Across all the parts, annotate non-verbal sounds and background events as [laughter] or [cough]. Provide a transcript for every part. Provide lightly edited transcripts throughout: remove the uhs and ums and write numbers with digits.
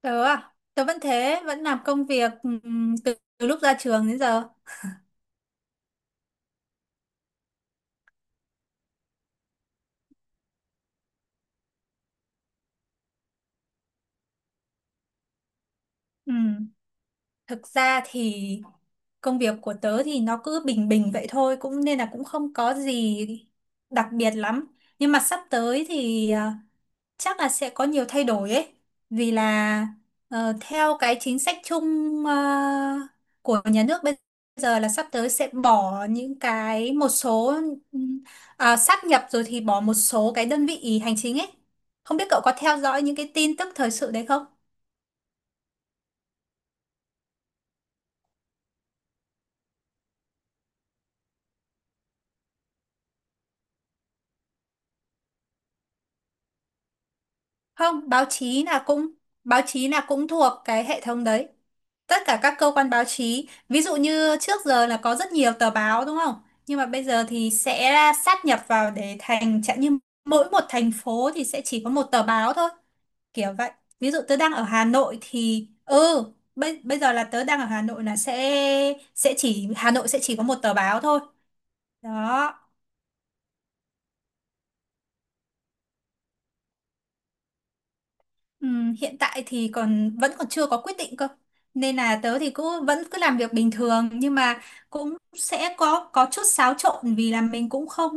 Tớ à, tớ vẫn thế, vẫn làm công việc từ lúc ra trường đến giờ. Ừm, Thực ra thì công việc của tớ thì nó cứ bình bình vậy thôi, cũng nên là cũng không có gì đặc biệt lắm. Nhưng mà sắp tới thì chắc là sẽ có nhiều thay đổi ấy vì là theo cái chính sách chung ờ, của nhà nước bây giờ là sắp tới sẽ bỏ những cái một số ừm, sáp nhập rồi thì bỏ một số cái đơn vị hành chính ấy. Không biết cậu có theo dõi những cái tin tức thời sự đấy không? Không, báo chí là cũng thuộc cái hệ thống đấy. Tất cả các cơ quan báo chí, ví dụ như trước giờ là có rất nhiều tờ báo đúng không, nhưng mà bây giờ thì sẽ sát nhập vào để thành chẳng như mỗi một thành phố thì sẽ chỉ có một tờ báo thôi, kiểu vậy. Ví dụ tớ đang ở Hà Nội thì ừ, bây giờ là tớ đang ở Hà Nội là sẽ chỉ Hà Nội sẽ chỉ có một tờ báo thôi, đó. Hiện tại thì còn vẫn còn chưa có quyết định cơ, nên là tớ thì cứ vẫn cứ làm việc bình thường, nhưng mà cũng sẽ có chút xáo trộn vì là mình cũng không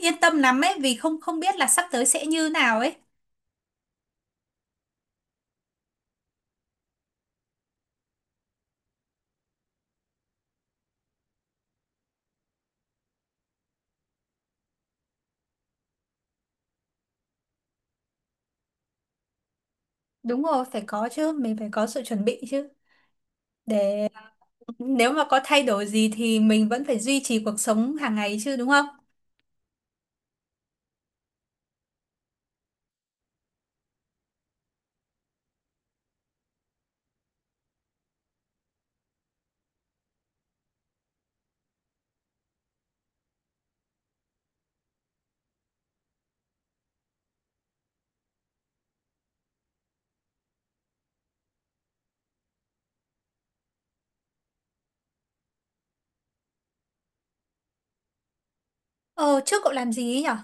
yên tâm lắm ấy, vì không không biết là sắp tới sẽ như nào ấy. Đúng rồi, phải có chứ, mình phải có sự chuẩn bị chứ, để nếu mà có thay đổi gì thì mình vẫn phải duy trì cuộc sống hàng ngày chứ đúng không. Ờ trước cậu làm gì ấy nhở?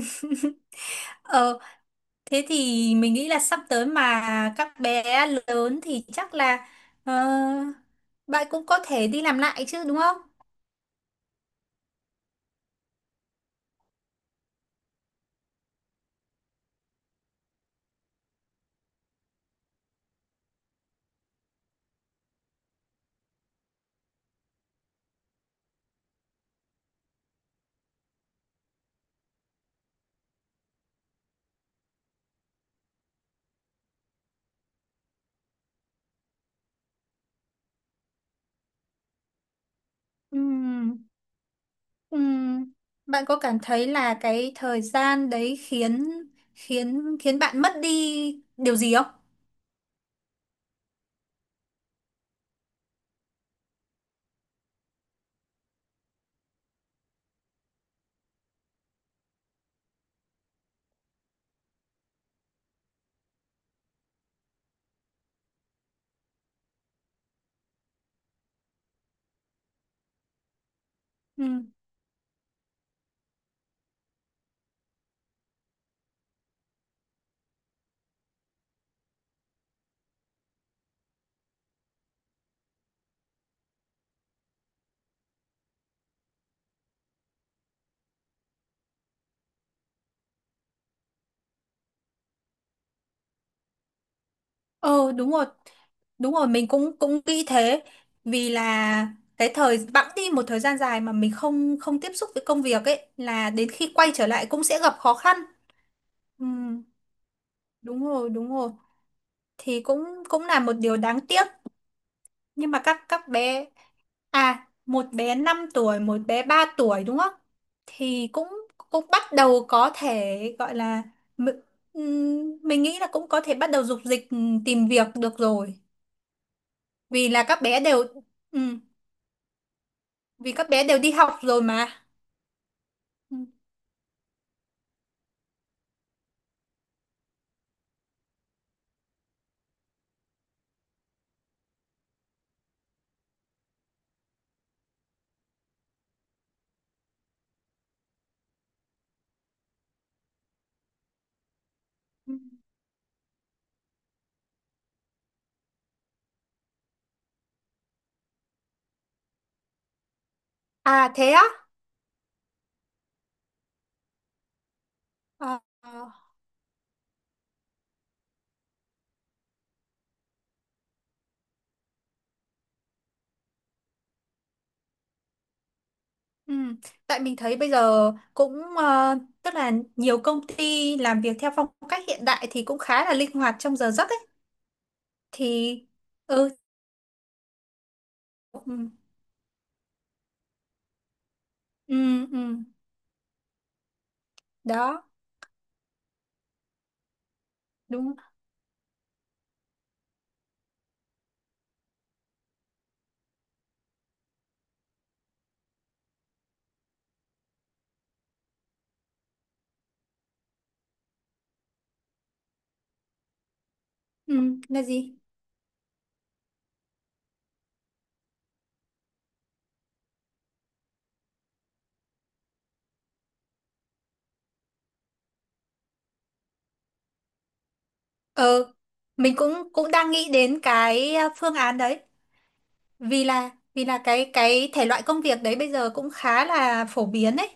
[laughs] Ờ, thế thì mình nghĩ là sắp tới mà các bé lớn thì chắc là ờ, bạn cũng có thể đi làm lại chứ đúng không? Ừm, ừm. Bạn có cảm thấy là cái thời gian đấy khiến khiến khiến bạn mất đi điều gì không? Ừ, ờ đúng rồi. Đúng rồi, mình cũng cũng nghĩ thế, vì là cái thời bẵng đi một thời gian dài mà mình không không tiếp xúc với công việc ấy, là đến khi quay trở lại cũng sẽ gặp khó khăn. Ừm, đúng rồi, đúng rồi. Thì cũng cũng là một điều đáng tiếc, nhưng mà các bé, à một bé 5 tuổi một bé 3 tuổi đúng không, thì cũng cũng bắt đầu có thể gọi là mi- mình nghĩ là cũng có thể bắt đầu dục dịch tìm việc được rồi. Vì là các bé đều ừm, đi học rồi mà. Ừm, ừm. À thế á? Ờ, ờ, ừm. Tại mình thấy bây giờ cũng tức là nhiều công ty làm việc theo phong cách hiện đại thì cũng khá là linh hoạt trong giờ giấc thì ừ, ừ, ừ, ừ. Đó, đúng, ừ, là gì? Ừ, mình cũng cũng đang nghĩ đến cái phương án đấy, vì là cái thể loại công việc đấy bây giờ cũng khá là phổ biến ấy.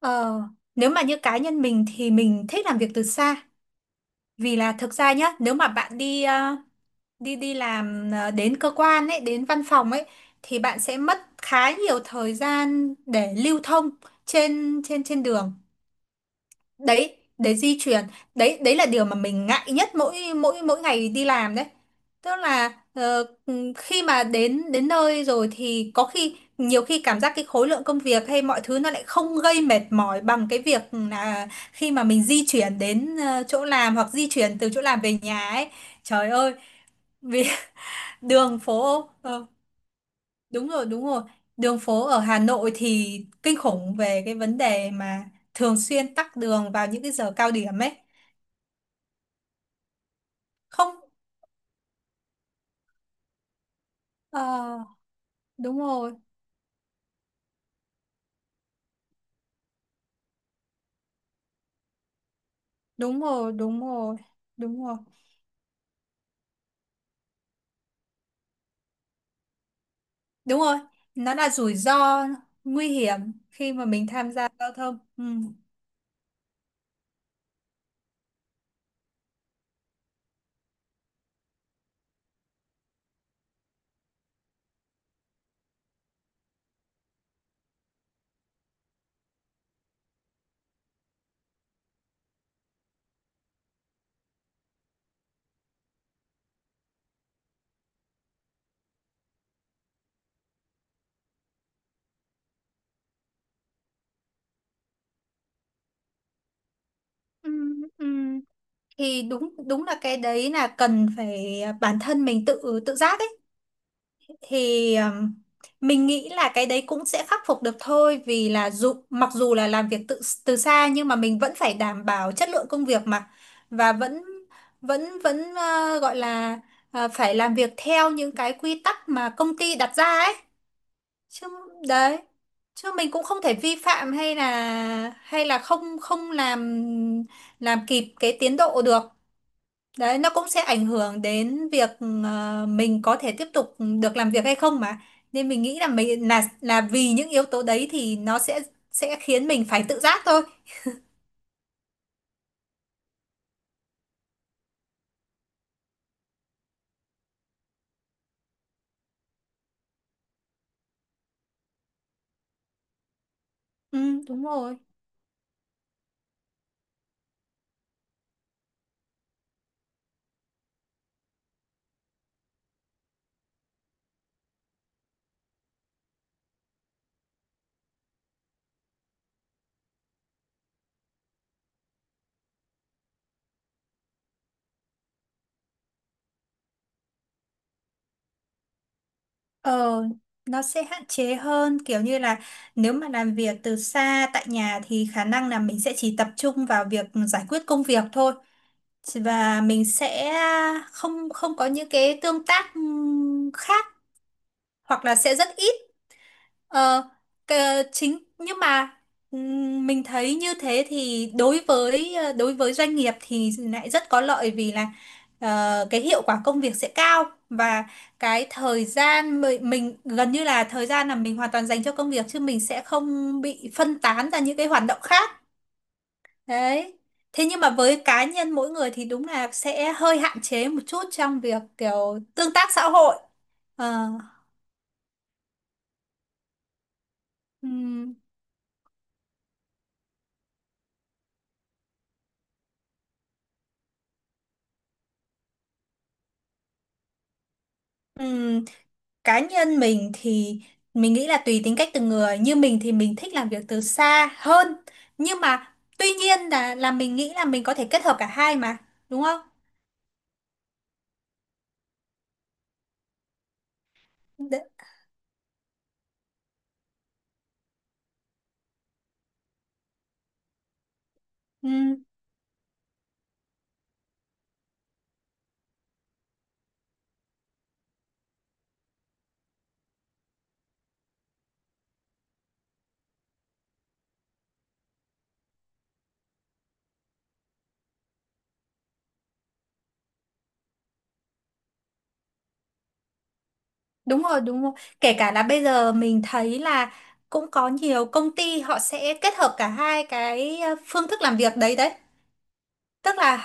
Ờ, nếu mà như cá nhân mình thì mình thích làm việc từ xa, vì là thực ra nhá, nếu mà bạn đi đi đi làm, à, đến cơ quan ấy, đến văn phòng ấy, thì bạn sẽ mất khá nhiều thời gian để lưu thông trên trên trên đường. Đấy đấy, di truyền, đấy đấy là điều mà mình ngại nhất mỗi mỗi mỗi ngày đi làm đấy. Tức là khi mà đến đến nơi rồi thì có khi nhiều khi cảm giác cái khối lượng công việc hay mọi thứ nó lại không gây mệt mỏi bằng cái việc là khi mà mình di chuyển đến chỗ làm hoặc di chuyển từ chỗ làm về nhà ấy. Trời ơi, vì [laughs] đường phố đúng rồi đúng rồi. Đường phố ở Hà Nội thì kinh khủng về cái vấn đề mà thường xuyên tắc đường vào những cái giờ cao điểm ấy. Không, ờ, đúng rồi, đúng rồi, đúng rồi, đúng rồi, đúng rồi. Nó là rủi ro, nguy hiểm khi mà mình tham gia giao thông ừ. Ừ, ừ. Thì đúng đúng là cái đấy là cần phải bản thân mình tự tự giác ấy. Thì mình nghĩ là cái đấy cũng sẽ khắc phục được thôi, vì là dù mặc dù là làm việc tự từ xa nhưng mà mình vẫn phải đảm bảo chất lượng công việc mà. Và vẫn vẫn vẫn gọi là phải làm việc theo những cái quy tắc mà công ty đặt ra ấy chứ, đấy, chứ mình cũng không thể vi phạm, hay là không không làm, làm kịp cái tiến độ được. Đấy, nó cũng sẽ ảnh hưởng đến việc mình có thể tiếp tục được làm việc hay không mà. Nên mình nghĩ là mình là vì những yếu tố đấy thì nó sẽ khiến mình phải tự giác thôi. Ừ, đúng rồi. Ờ, nó sẽ hạn chế hơn, kiểu như là nếu mà làm việc từ xa tại nhà thì khả năng là mình sẽ chỉ tập trung vào việc giải quyết công việc thôi, và mình sẽ không không có những cái tương tác khác, hoặc là sẽ rất ít. Ờ, chính nhưng mà mình thấy như thế thì đối với đối với doanh nghiệp thì lại rất có lợi, vì là cái hiệu quả công việc sẽ cao, và cái thời gian mình gần như là thời gian là mình hoàn toàn dành cho công việc, chứ mình sẽ không bị phân tán ra những cái hoạt động khác. Đấy. Thế nhưng mà với cá nhân mỗi người thì đúng là sẽ hơi hạn chế một chút trong việc kiểu tương tác xã hội. Ờ. Ừm, ừm, cá nhân mình thì mình nghĩ là tùy tính cách từng người, như mình thì mình thích làm việc từ xa hơn, nhưng mà tuy nhiên là mình nghĩ là mình có thể kết hợp cả hai mà, đúng không? Đ- ừm, đúng rồi, đúng rồi. Kể cả là bây giờ mình thấy là cũng có nhiều công ty họ sẽ kết hợp cả hai cái phương thức làm việc đấy đấy, tức là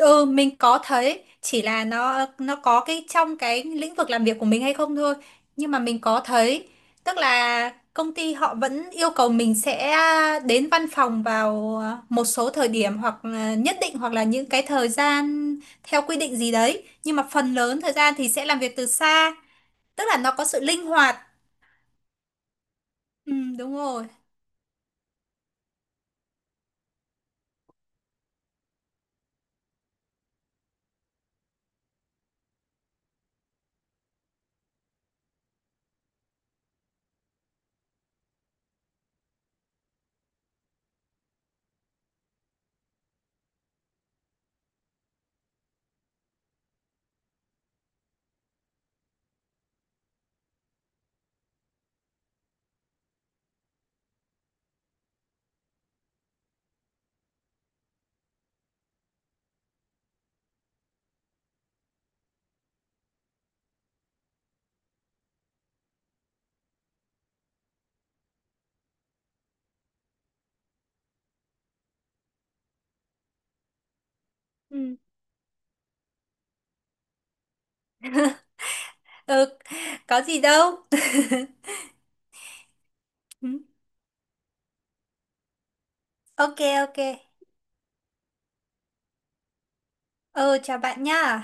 Ừ, mình có thấy, chỉ là nó có cái trong cái lĩnh vực làm việc của mình hay không thôi. Nhưng mà mình có thấy, tức là công ty họ vẫn yêu cầu mình sẽ đến văn phòng vào một số thời điểm hoặc là nhất định, hoặc là những cái thời gian theo quy định gì đấy, nhưng mà phần lớn thời gian thì sẽ làm việc từ xa, tức là nó có sự linh hoạt. Ừ, đúng rồi. Ừ. Ừ, [laughs] có gì đâu. [laughs] Ừ, ok, ok. Ừ chào bạn nha.